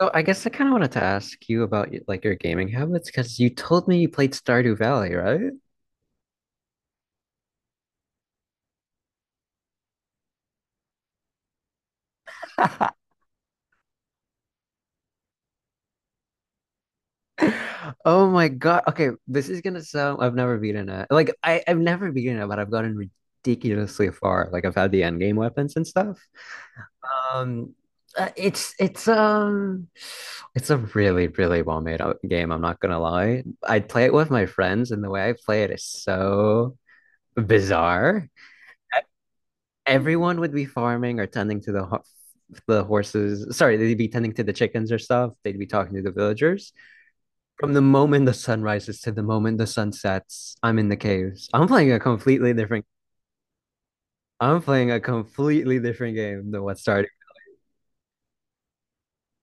So I guess I kind of wanted to ask you about like your gaming habits because you told me you played Stardew Valley, right? Oh my God. Okay, this is gonna sound I've never beaten it. Like I've never beaten it, but I've gotten ridiculously far. Like I've had the end game weapons and stuff. Um it's it's a really, really well made out game, I'm not gonna lie. I'd play it with my friends and the way I play it is so bizarre. E, Everyone would be farming or tending to the the horses, sorry, they'd be tending to the chickens or stuff, they'd be talking to the villagers from the moment the sun rises to the moment the sun sets. I'm in the caves. I'm playing a completely different game than what started.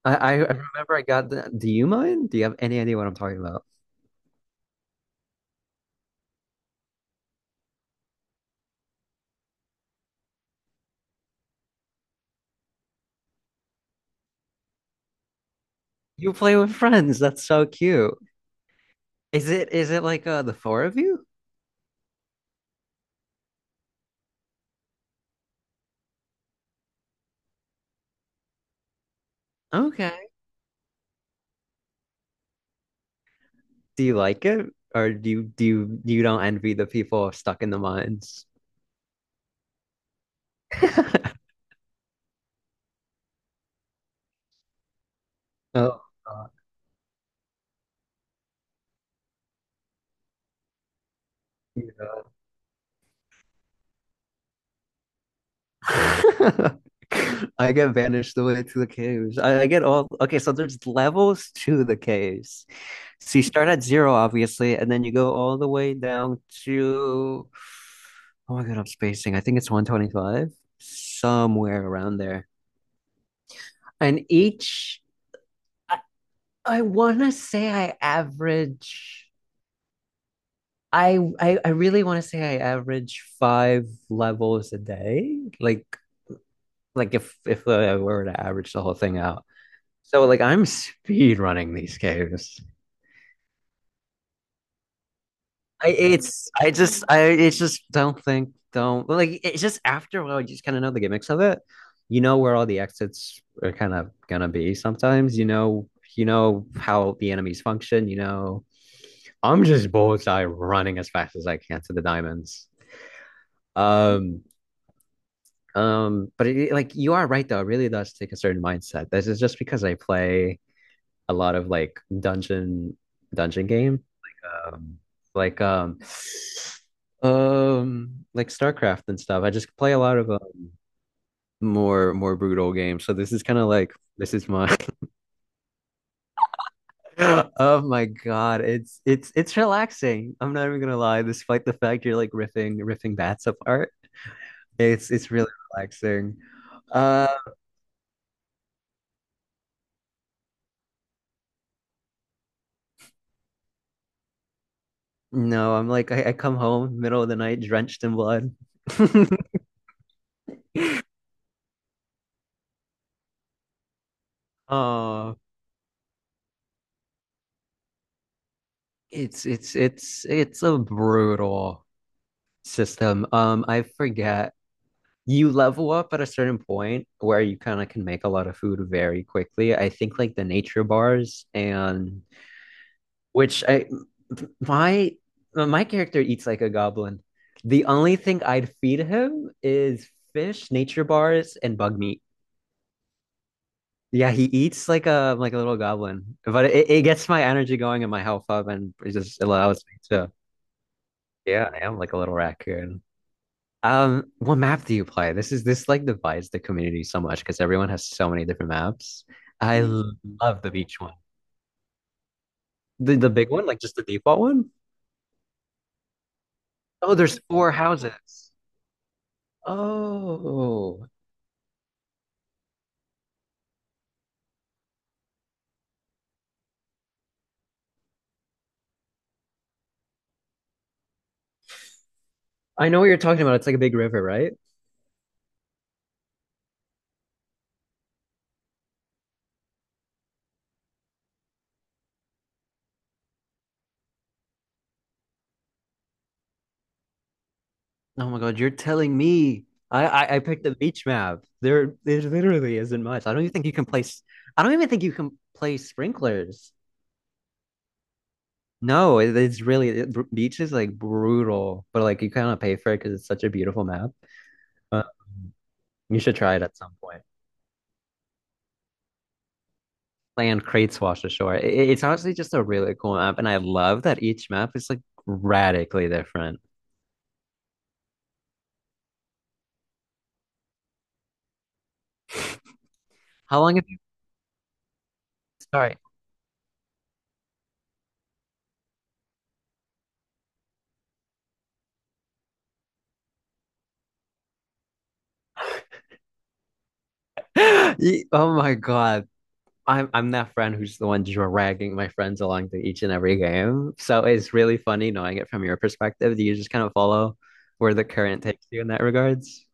I remember I got the, do you mind, do you have any idea what I'm talking about? You play with friends, that's so cute. Is it like the four of you? Okay, do you like it, or do you don't envy the people stuck in the mines? Oh, God. Yeah. I get vanished the way to the caves. I get all okay. So there's levels to the caves. So you start at zero, obviously, and then you go all the way down to, oh my god, I'm spacing. I think it's 125, somewhere around there. And each, I, I want to say I average. I really want to say I average five levels a day. Like if I were to average the whole thing out. So like I'm speed running these games. I it's I just I it's just don't think, don't, like, it's just after a while you just kind of know the gimmicks of it. You know where all the exits are kind of gonna be sometimes. You know, you know how the enemies function. You know, I'm just bullseye running as fast as I can to the diamonds. Um but it, like, you are right though. It really does take a certain mindset. This is just because I play a lot of like dungeon game um, like um, like StarCraft and stuff. I just play a lot of more brutal games. So this is kind of like this is my. Oh my God, it's relaxing. I'm not even gonna lie. Despite the fact you're like riffing bats apart, it's really relaxing. Uh, no, I'm like I come home middle of the night drenched in blood. Oh, it's a brutal system. I forget you level up at a certain point where you kind of can make a lot of food very quickly. I think like the nature bars and which I, my my character eats like a goblin. The only thing I'd feed him is fish, nature bars, and bug meat. Yeah, he eats like a little goblin, but it gets my energy going and my health up, and it just allows me to. Yeah, I am like a little raccoon. What map do you play? This is, this like divides the community so much because everyone has so many different maps. I Mm. l- love the beach one. The big one, like just the default one. Oh, there's four houses. Oh, I know what you're talking about. It's like a big river, right? Oh my God, you're telling me. I picked the beach map. There literally isn't much. I don't even think you can I don't even think you can play sprinklers. No, it, it's really, it, beach is like brutal, but like you kind of pay for it because it's such a beautiful map. Uh, you should try it at some point. Land Crates Wash Ashore. It's honestly just a really cool map, and I love that each map is like radically different. How long have you? Sorry. Oh my God. I'm that friend who's the one dragging my friends along to each and every game. So it's really funny knowing it from your perspective. Do you just kind of follow where the current takes you in that regards?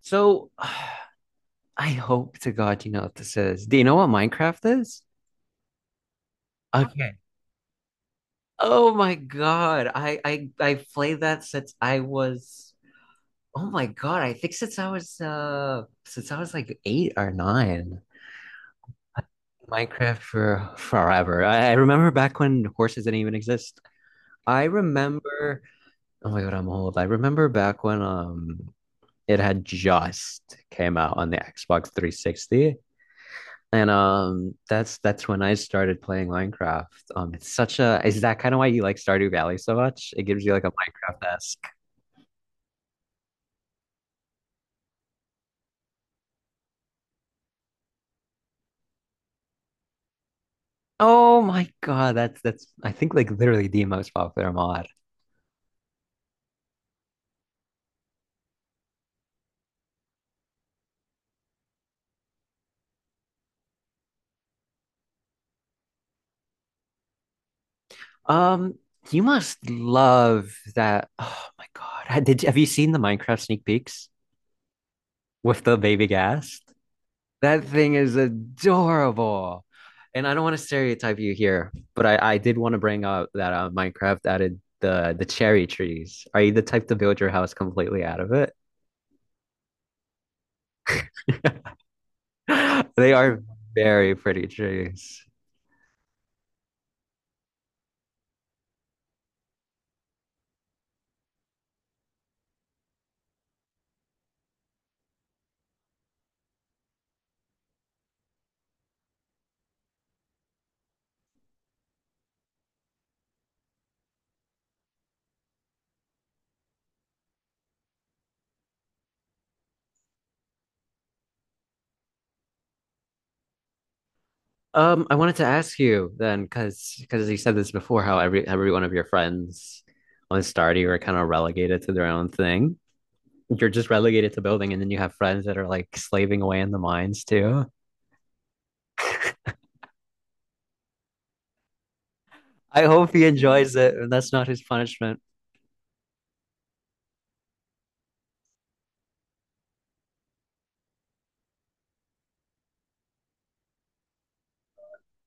So I hope to God you know what this is. Do you know what Minecraft is? Okay. Oh my God. I played that since I was, oh my God. I think since I was like eight or nine. I- Minecraft for forever. I remember back when horses didn't even exist. I remember, oh my God, I'm old. I remember back when it had just came out on the Xbox 360. And that's when I started playing Minecraft. Um, it's such a, is that kind of why you like Stardew Valley so much? It gives you like a Minecraft. Oh my God, that's, I think, like literally the most popular mod. Um, you must love that. Oh my God, have you seen the Minecraft sneak peeks with the baby gas? That thing is adorable. And I don't want to stereotype you here, but I did want to bring up that Minecraft added the cherry trees. Are you the type to build your house completely out of it? They are very pretty trees. I wanted to ask you then, because you said this before, how every one of your friends on Stardew are kind of relegated to their own thing. You're just relegated to building, and then you have friends that are like slaving away in the mines too. I hope he enjoys it and that's not his punishment.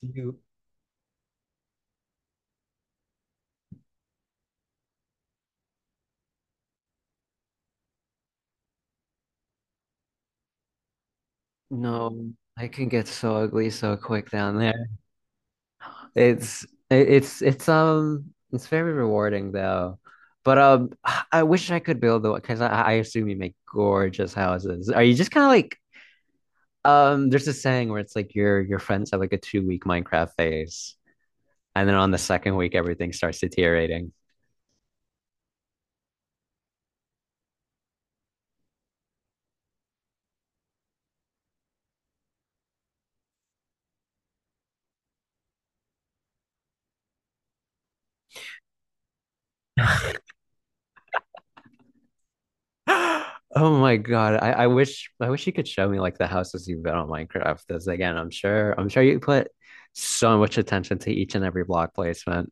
You no, I can get so ugly so quick down there. It's it's very rewarding though. But um, I wish I could build the, because I assume you make gorgeous houses. Are you just kind of like, um, there's a saying where it's like your friends have like a 2 week Minecraft phase. And then on the second week, everything starts deteriorating. Oh my God. I wish, I wish you could show me like the houses you've built on Minecraft. Because again, I'm sure you put so much attention to each and every block placement.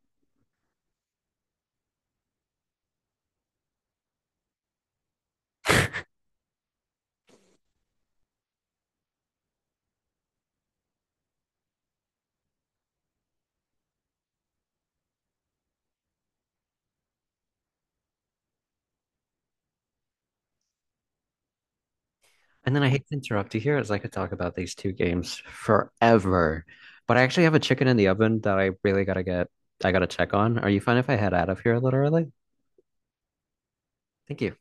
And then I hate to interrupt you here, as I could talk about these two games forever. But I actually have a chicken in the oven that I really gotta get, I gotta check on. Are you fine if I head out of here a little early? Thank you.